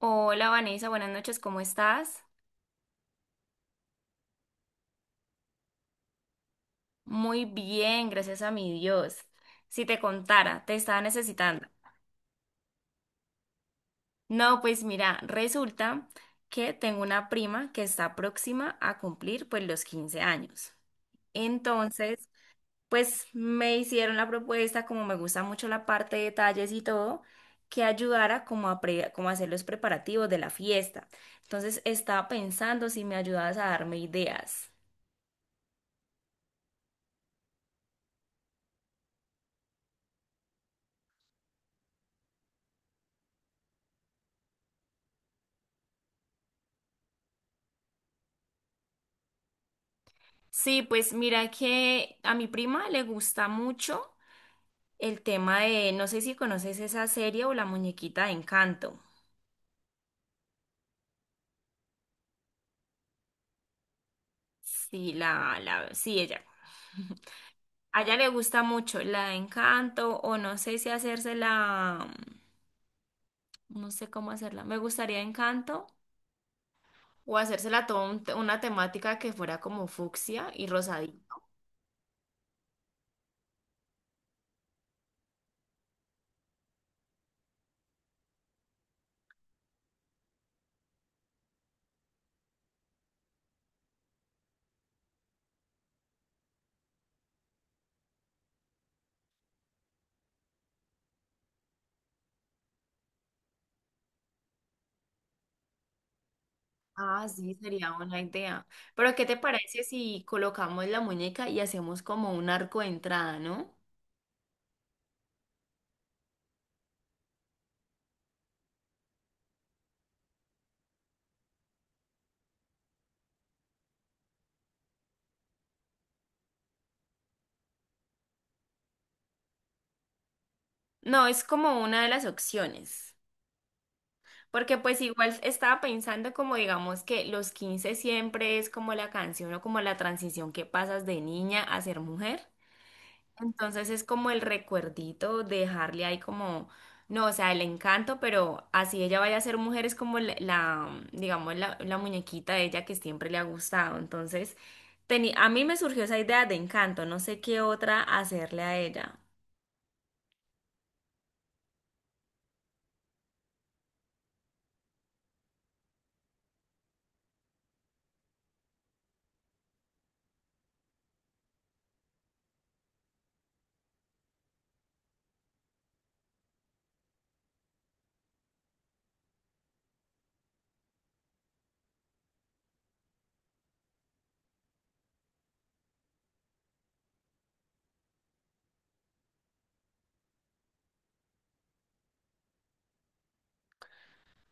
Hola Vanessa, buenas noches, ¿cómo estás? Muy bien, gracias a mi Dios. Si te contara, te estaba necesitando. No, pues mira, resulta que tengo una prima que está próxima a cumplir pues los 15 años. Entonces, pues me hicieron la propuesta, como me gusta mucho la parte de detalles y todo, que ayudara como a, como a hacer los preparativos de la fiesta. Entonces, estaba pensando si me ayudabas a darme ideas. Sí, pues mira que a mi prima le gusta mucho el tema de, no sé si conoces esa serie o la muñequita de Encanto. Sí, sí, ella. A ella le gusta mucho la de Encanto o no sé si hacérsela, no sé cómo hacerla. Me gustaría Encanto o hacérsela toda una temática que fuera como fucsia y rosadito. Ah, sí, sería una idea. Pero, ¿qué te parece si colocamos la muñeca y hacemos como un arco de entrada, no? No, es como una de las opciones, porque pues igual estaba pensando como digamos que los 15 siempre es como la canción o como la transición que pasas de niña a ser mujer. Entonces es como el recuerdito de dejarle ahí como, no, o sea, el encanto, pero así ella vaya a ser mujer es como digamos, la muñequita de ella que siempre le ha gustado. Entonces, a mí me surgió esa idea de encanto, no sé qué otra hacerle a ella.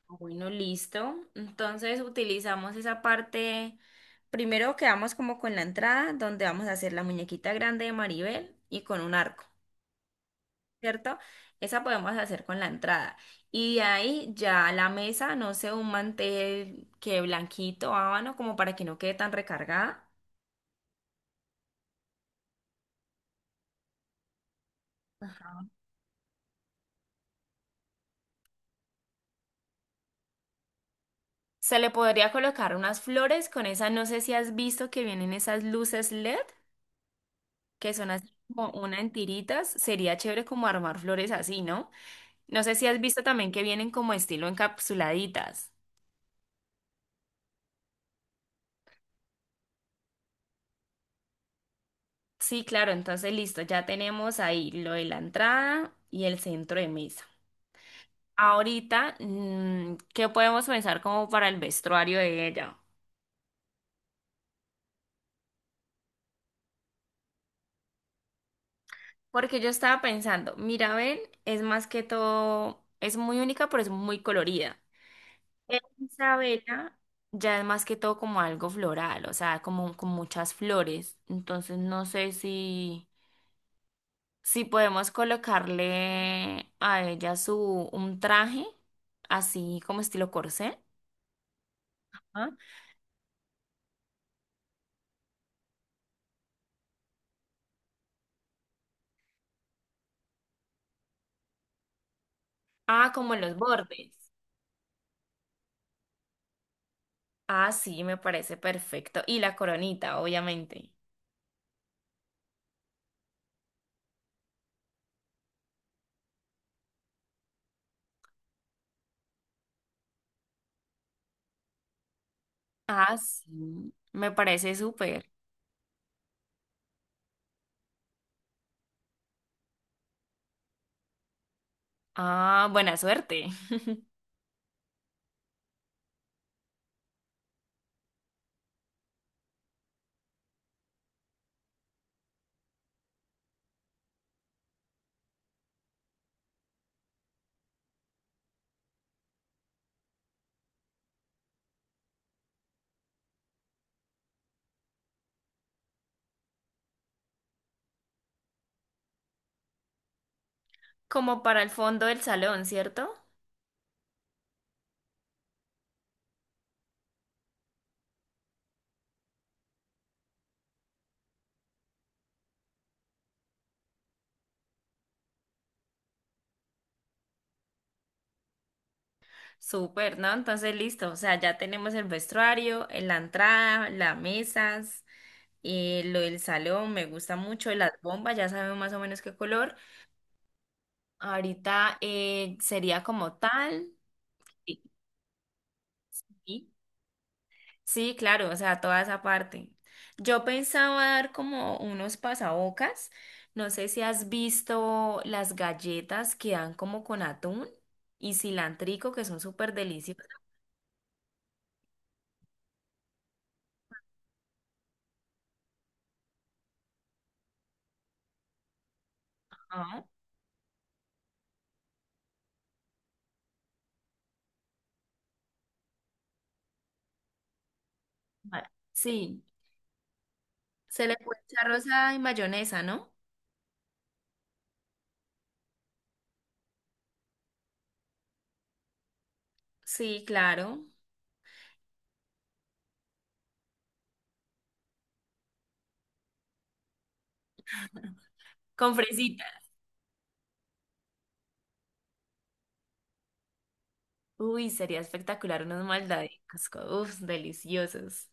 Bueno, listo. Entonces utilizamos esa parte. Primero quedamos como con la entrada, donde vamos a hacer la muñequita grande de Maribel y con un arco, ¿cierto? Esa podemos hacer con la entrada. Y de ahí ya la mesa, no sé, un mantel que blanquito, habano, como para que no quede tan recargada. Ajá. Se le podría colocar unas flores con esas, no sé si has visto que vienen esas luces LED, que son así como una en tiritas. Sería chévere como armar flores así, ¿no? No sé si has visto también que vienen como estilo encapsuladitas. Sí, claro, entonces listo, ya tenemos ahí lo de la entrada y el centro de mesa. Ahorita, ¿qué podemos pensar como para el vestuario de ella? Porque yo estaba pensando, Mirabel es más que todo, es muy única, pero es muy colorida. Isabela ya es más que todo como algo floral, o sea, como con muchas flores. Entonces no sé si... Si podemos colocarle a ella su un traje, así como estilo corsé. ¿Ah? Ah, como en los bordes. Ah, sí, me parece perfecto. Y la coronita, obviamente. Ah, sí, me parece súper. Ah, buena suerte. Como para el fondo del salón, ¿cierto? Súper, ¿no? Entonces, listo. O sea, ya tenemos el vestuario, la entrada, las mesas, lo del salón, me gusta mucho, las bombas, ya sabemos más o menos qué color. Ahorita sería como tal. Sí. Sí. Sí, claro, o sea, toda esa parte. Yo pensaba dar como unos pasabocas. No sé si has visto las galletas que dan como con atún y cilantrico, que son súper deliciosas. Ah, sí, se le puede echar rosa y mayonesa, ¿no? Sí, claro. Con fresita. Uy, sería espectacular unos maldaditos. Uf, deliciosos.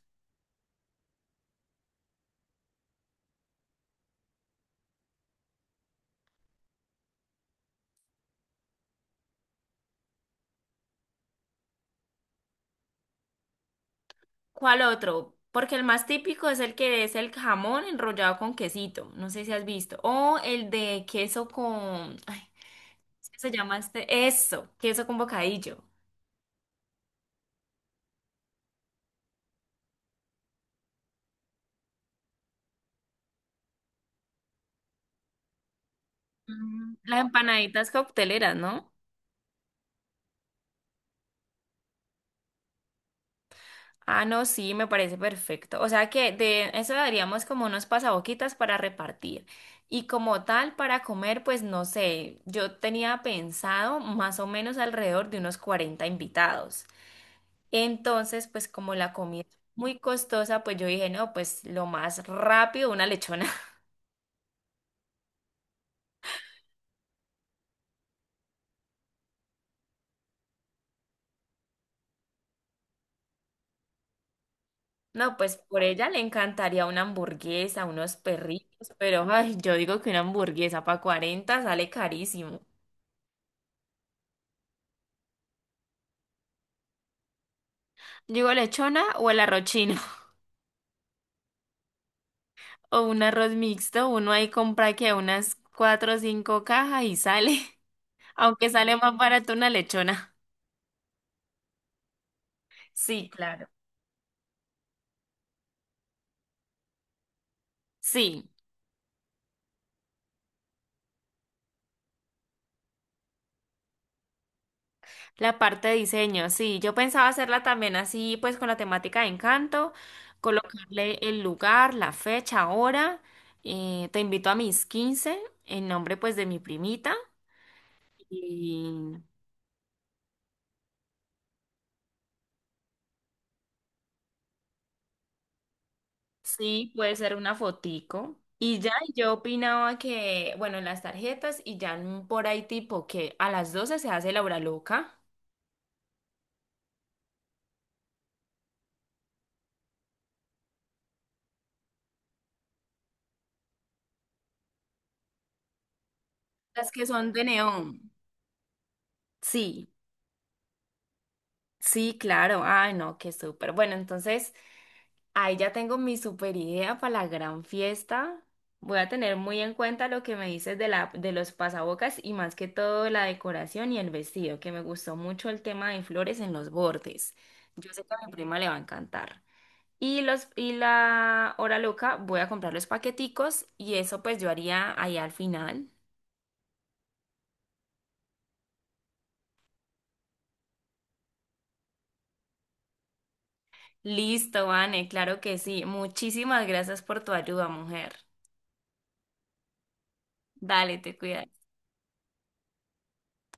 ¿Cuál otro? Porque el más típico es el que es el jamón enrollado con quesito. No sé si has visto. O el de queso con... Ay, ¿qué se llama este? Eso, queso con bocadillo. Las empanaditas cocteleras, ¿no? Ah, no, sí, me parece perfecto. O sea que de eso daríamos como unos pasaboquitas para repartir. Y como tal, para comer, pues no sé, yo tenía pensado más o menos alrededor de unos 40 invitados. Entonces, pues como la comida es muy costosa, pues yo dije, no, pues lo más rápido, una lechona. No, pues por ella le encantaría una hamburguesa, unos perritos, pero ay, yo digo que una hamburguesa para 40 sale carísimo. Yo digo lechona o el arroz chino o un arroz mixto, uno ahí compra que unas cuatro o cinco cajas y sale, aunque sale más barato una lechona. Sí, claro. Sí. La parte de diseño, sí, yo pensaba hacerla también así, pues con la temática de Encanto, colocarle el lugar, la fecha, hora. Te invito a mis 15 en nombre pues de mi primita y sí, puede ser una fotico. Y ya y yo opinaba que, bueno, las tarjetas y ya por ahí tipo que a las 12 se hace la hora loca, las que son de neón. Sí. Sí, claro. Ay, no, qué súper. Bueno, entonces ahí ya tengo mi súper idea para la gran fiesta. Voy a tener muy en cuenta lo que me dices de los pasabocas y más que todo la decoración y el vestido, que me gustó mucho el tema de flores en los bordes. Yo sé que a mi prima le va a encantar. Y la hora loca, voy a comprar los paqueticos y eso pues yo haría ahí al final. Listo, Vane, claro que sí. Muchísimas gracias por tu ayuda, mujer. Dale, te cuidas.